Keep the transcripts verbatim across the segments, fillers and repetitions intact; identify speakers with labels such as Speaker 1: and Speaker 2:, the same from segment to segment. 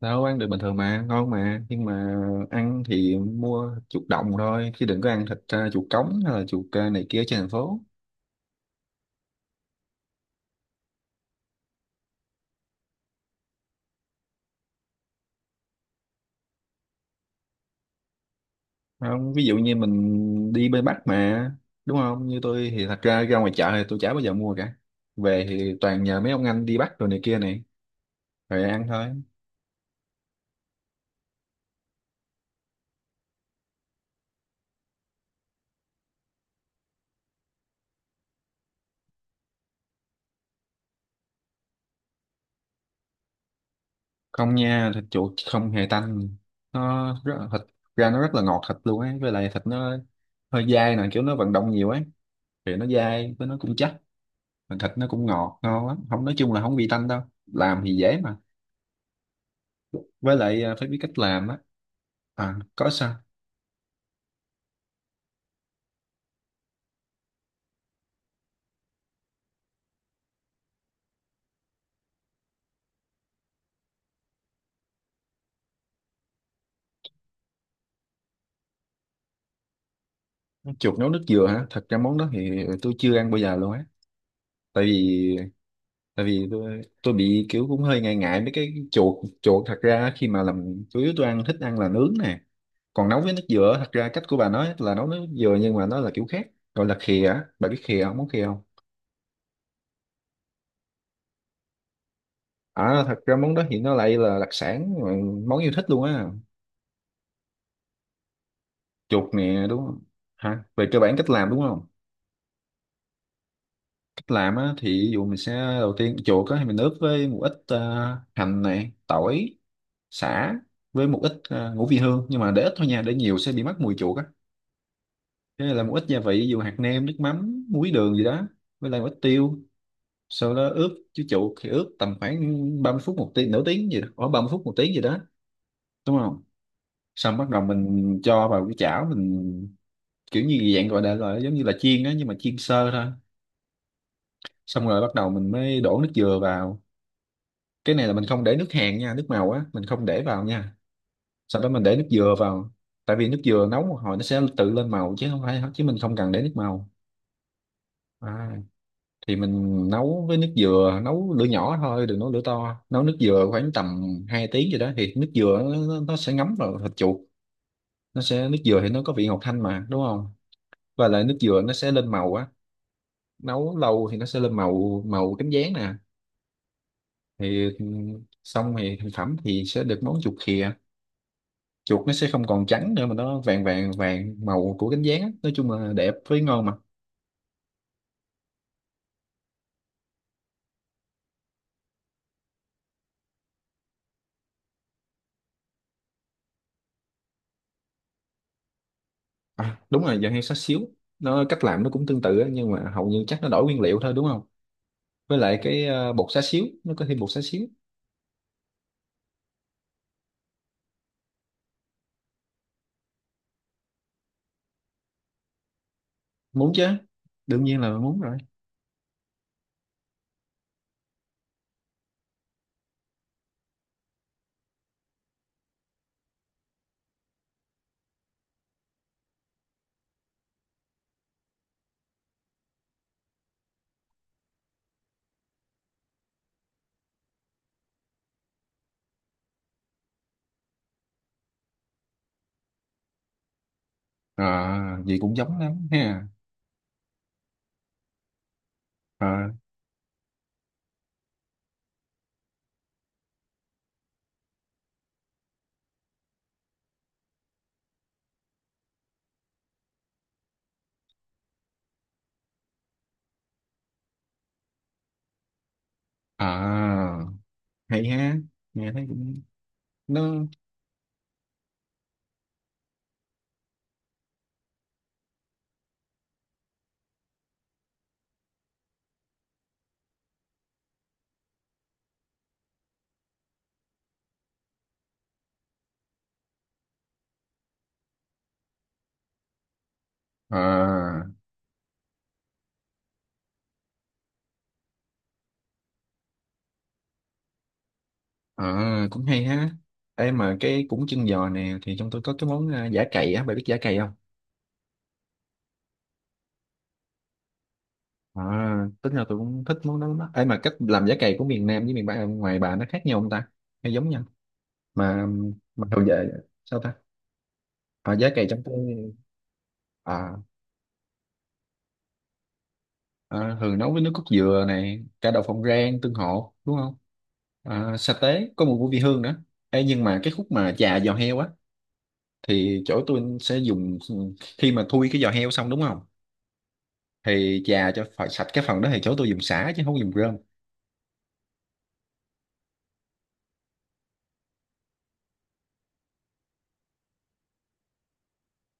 Speaker 1: Đâu, ăn được bình thường mà, ngon mà. Nhưng mà ăn thì mua chuột đồng thôi chứ đừng có ăn thịt ờ, chuột cống hay là chuột ờ, này kia trên thành phố. Không, ví dụ như mình đi bên Bắc mà, đúng không? Như tôi thì thật ra ra ngoài chợ thì tôi chả bao giờ mua cả, về thì toàn nhờ mấy ông anh đi bắt rồi này kia này, rồi ăn thôi. Không nha, thịt chuột không hề tanh. nó rất là, thịt ra nó rất là ngọt thịt luôn ấy, với lại thịt nó hơi dai nè, kiểu nó vận động nhiều ấy thì nó dai với nó cũng chắc, mà thịt nó cũng ngọt ngon lắm. Không, nói chung là không bị tanh đâu, làm thì dễ mà. Với lại à, phải biết cách làm á. À, có sao. Chuột nấu nước dừa hả? Thật ra món đó thì tôi chưa ăn bao giờ luôn á. Tại vì tại vì tôi tôi bị kiểu cũng hơi ngại ngại mấy cái chuột. Chuột thật ra khi mà làm, chủ yếu tôi ăn, thích ăn là nướng nè. Còn nấu với nước dừa, thật ra cách của bà nói là nấu nước dừa nhưng mà nó là kiểu khác, gọi là khìa á. Bà biết khìa không, món khìa không? À, thật ra món đó thì nó lại là đặc sản, món yêu thích luôn á. Chuột nè, đúng không? Hả, về cơ bản cách làm đúng không? Cách làm á thì ví dụ mình sẽ, đầu tiên chuột á thì mình ướp với một ít ờ, hành này, tỏi, sả, với một ít ờ, ngũ vị hương, nhưng mà để ít thôi nha, để nhiều sẽ bị mất mùi chuột á. Thế là một ít gia vị, ví dụ hạt nêm, nước mắm, muối, đường gì đó, với lại một ít tiêu. Sau đó ướp chứ, chuột thì ướp tầm khoảng ba mươi phút, một tiếng, nửa tiếng gì đó, khoảng ba mươi phút, một tiếng gì đó, đúng không? Xong bắt đầu mình cho vào cái chảo mình, kiểu như dạng gọi là, là giống như là chiên á, nhưng mà chiên sơ thôi. Xong rồi bắt đầu mình mới đổ nước dừa vào. Cái này là mình không để nước hàn nha, nước màu á mình không để vào nha. Sau đó mình để nước dừa vào. Tại vì nước dừa nấu một hồi nó sẽ tự lên màu, chứ không phải, chứ mình không cần để nước màu. À, thì mình nấu với nước dừa, nấu lửa nhỏ thôi đừng nấu lửa to. Nấu nước dừa khoảng tầm hai tiếng gì đó thì nước dừa nó, nó nó sẽ ngấm vào thịt chuột. Nó sẽ Nước dừa thì nó có vị ngọt thanh mà, đúng không? Và lại nước dừa nó sẽ lên màu á, nấu lâu thì nó sẽ lên màu, màu cánh gián nè. Thì xong thì thành phẩm thì sẽ được món chuột khìa. Chuột nó sẽ không còn trắng nữa mà nó vàng vàng vàng, màu của cánh gián á. Nói chung là đẹp với ngon mà. À, đúng rồi, giờ hay xá xíu, nó cách làm nó cũng tương tự á, nhưng mà hầu như chắc nó đổi nguyên liệu thôi, đúng không? Với lại cái ờ, bột xá xíu, nó có thêm bột xá xíu. Muốn chứ, đương nhiên là muốn rồi. À, gì cũng giống lắm ha. À, à, hay ha. Nghe thấy cũng, nó, à. À, cũng hay ha. Ê, mà cái cũng chân giò nè thì trong tôi có cái món à, giả cày á, bà biết giả cày không? À, tính ra tôi cũng thích món đó lắm á. Ê, mà cách làm giả cày của miền Nam với miền Bắc ngoài bà nó khác nhau không ta? Hay giống nhau? Mà mà thường về sao ta? À, giả cày trong tôi à, à, thường nấu với nước cốt dừa này, cả đậu phộng rang, tương hộ, đúng không? À, sa tế, có mùi của vị hương nữa. Ê, nhưng mà cái khúc mà chà giò heo á thì chỗ tôi sẽ dùng, khi mà thui cái giò heo xong đúng không, thì chà cho phải sạch cái phần đó, thì chỗ tôi dùng sả chứ không có dùng rơm.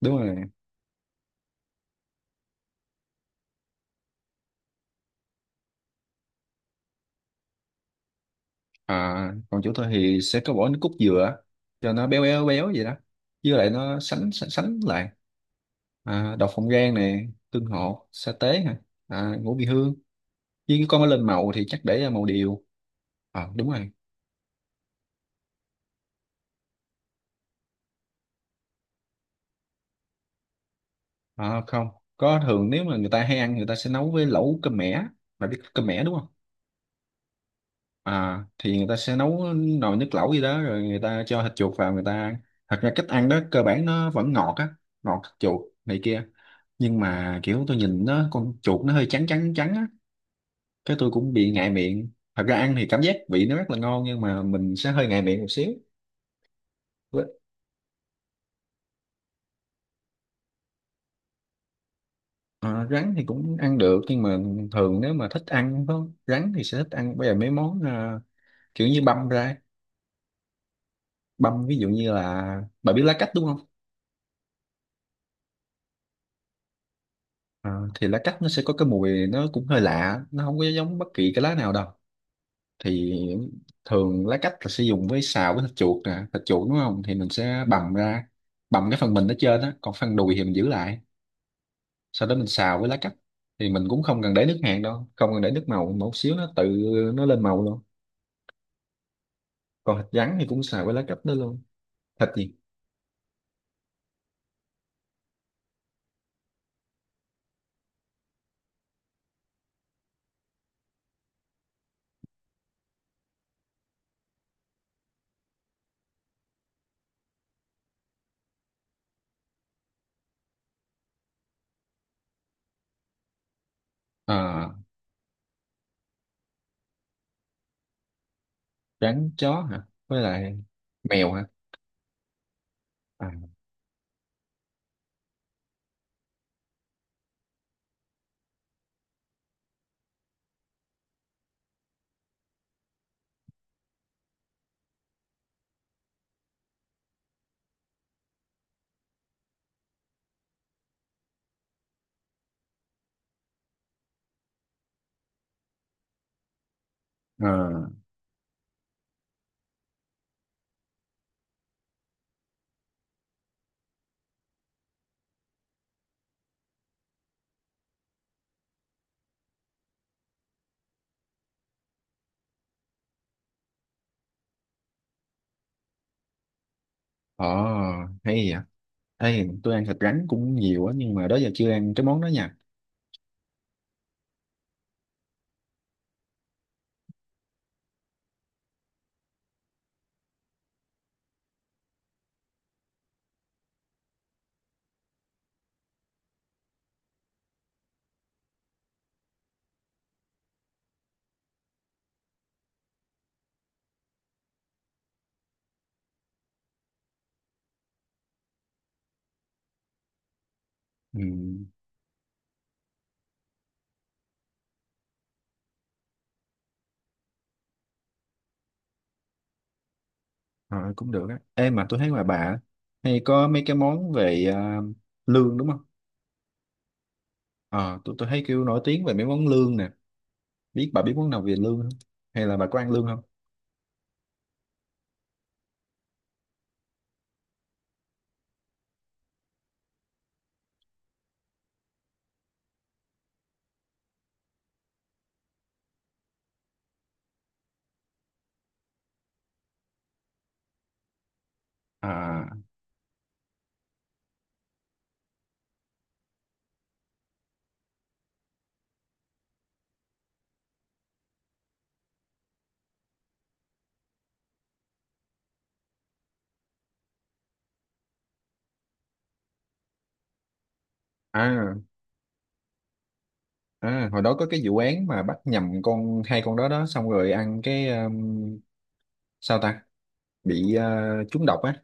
Speaker 1: Đúng rồi. À, còn chỗ tôi thì sẽ có bỏ nước cốt dừa cho nó béo béo béo vậy đó, với lại nó sánh sánh, sánh lại. À, đậu phộng rang nè, tương hộ, sa tế hả, à, ngũ vị hương, với cái con nó lên màu thì chắc để màu điều. Ờ, đúng rồi. Ờ, không, có thường nếu mà người ta hay ăn, người ta sẽ nấu với lẩu cơm mẻ. Bạn biết cơm mẻ đúng không? À thì người ta sẽ nấu nồi nước lẩu gì đó rồi người ta cho thịt chuột vào, người ta ăn. Thật ra cách ăn đó cơ bản nó vẫn ngọt á, ngọt thịt chuột này kia. Nhưng mà kiểu tôi nhìn nó, con chuột nó hơi trắng trắng trắng á, cái tôi cũng bị ngại miệng. Thật ra ăn thì cảm giác vị nó rất là ngon, nhưng mà mình sẽ hơi ngại miệng một xíu. Với- ờ, rắn thì cũng ăn được, nhưng mà thường nếu mà thích ăn có rắn thì sẽ thích ăn bây giờ mấy món ờ, kiểu như băm ra. Băm ví dụ như là, bà biết lá cách đúng không? À, thì lá cách nó sẽ có cái mùi nó cũng hơi lạ, nó không có giống bất kỳ cái lá nào đâu. Thì thường lá cách là sẽ dùng với, xào với thịt chuột nè. Thịt chuột đúng không thì mình sẽ bằm ra, bằm cái phần mình ở trên á, còn phần đùi thì mình giữ lại. Sau đó mình xào với lá cách, thì mình cũng không cần để nước hạt đâu, không cần để nước màu, một xíu nó tự nó lên màu luôn. Còn thịt rắn thì cũng xào với lá cách đó luôn. Thịt gì? À, rắn, chó hả, với lại mèo hả? À, à. Ồ, hay vậy. Ê, tôi ăn thịt rắn cũng nhiều á, nhưng mà đó giờ chưa ăn cái món đó nha. Ừ, ờ, cũng được á. Ê, mà tôi thấy ngoài bà á, hay có mấy cái món về à, lương đúng không? Ờ, tôi tôi thấy kêu nổi tiếng về mấy món lương nè. Biết, bà biết món nào về lương không? Hay là bà có ăn lương không? À, à, à hồi đó có cái vụ án mà bắt nhầm con, hai con đó đó, xong rồi ăn cái um, sao ta? Bị à, trúng độc á.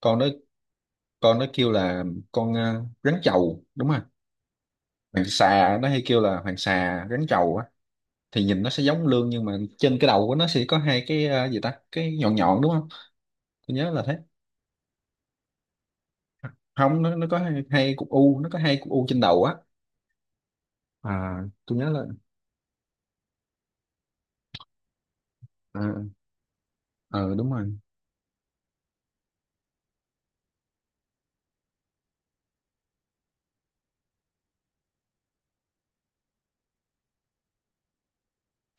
Speaker 1: Con đó, con nó kêu là, con à, rắn chầu đúng không? Hoàng xà, nó hay kêu là hoàng xà, rắn chầu á, thì nhìn nó sẽ giống lươn nhưng mà trên cái đầu của nó sẽ có hai cái ờ, gì ta, cái nhọn nhọn đúng không? Tôi nhớ là thế. Không, nó nó có hai, hai cục u, nó có hai cục u trên đầu á. À, tôi nhớ là, à, ờ, à, đúng rồi.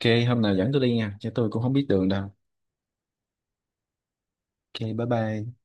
Speaker 1: OK, hôm nào dẫn tôi đi nha chứ tôi cũng không biết đường đâu. OK, bye bye.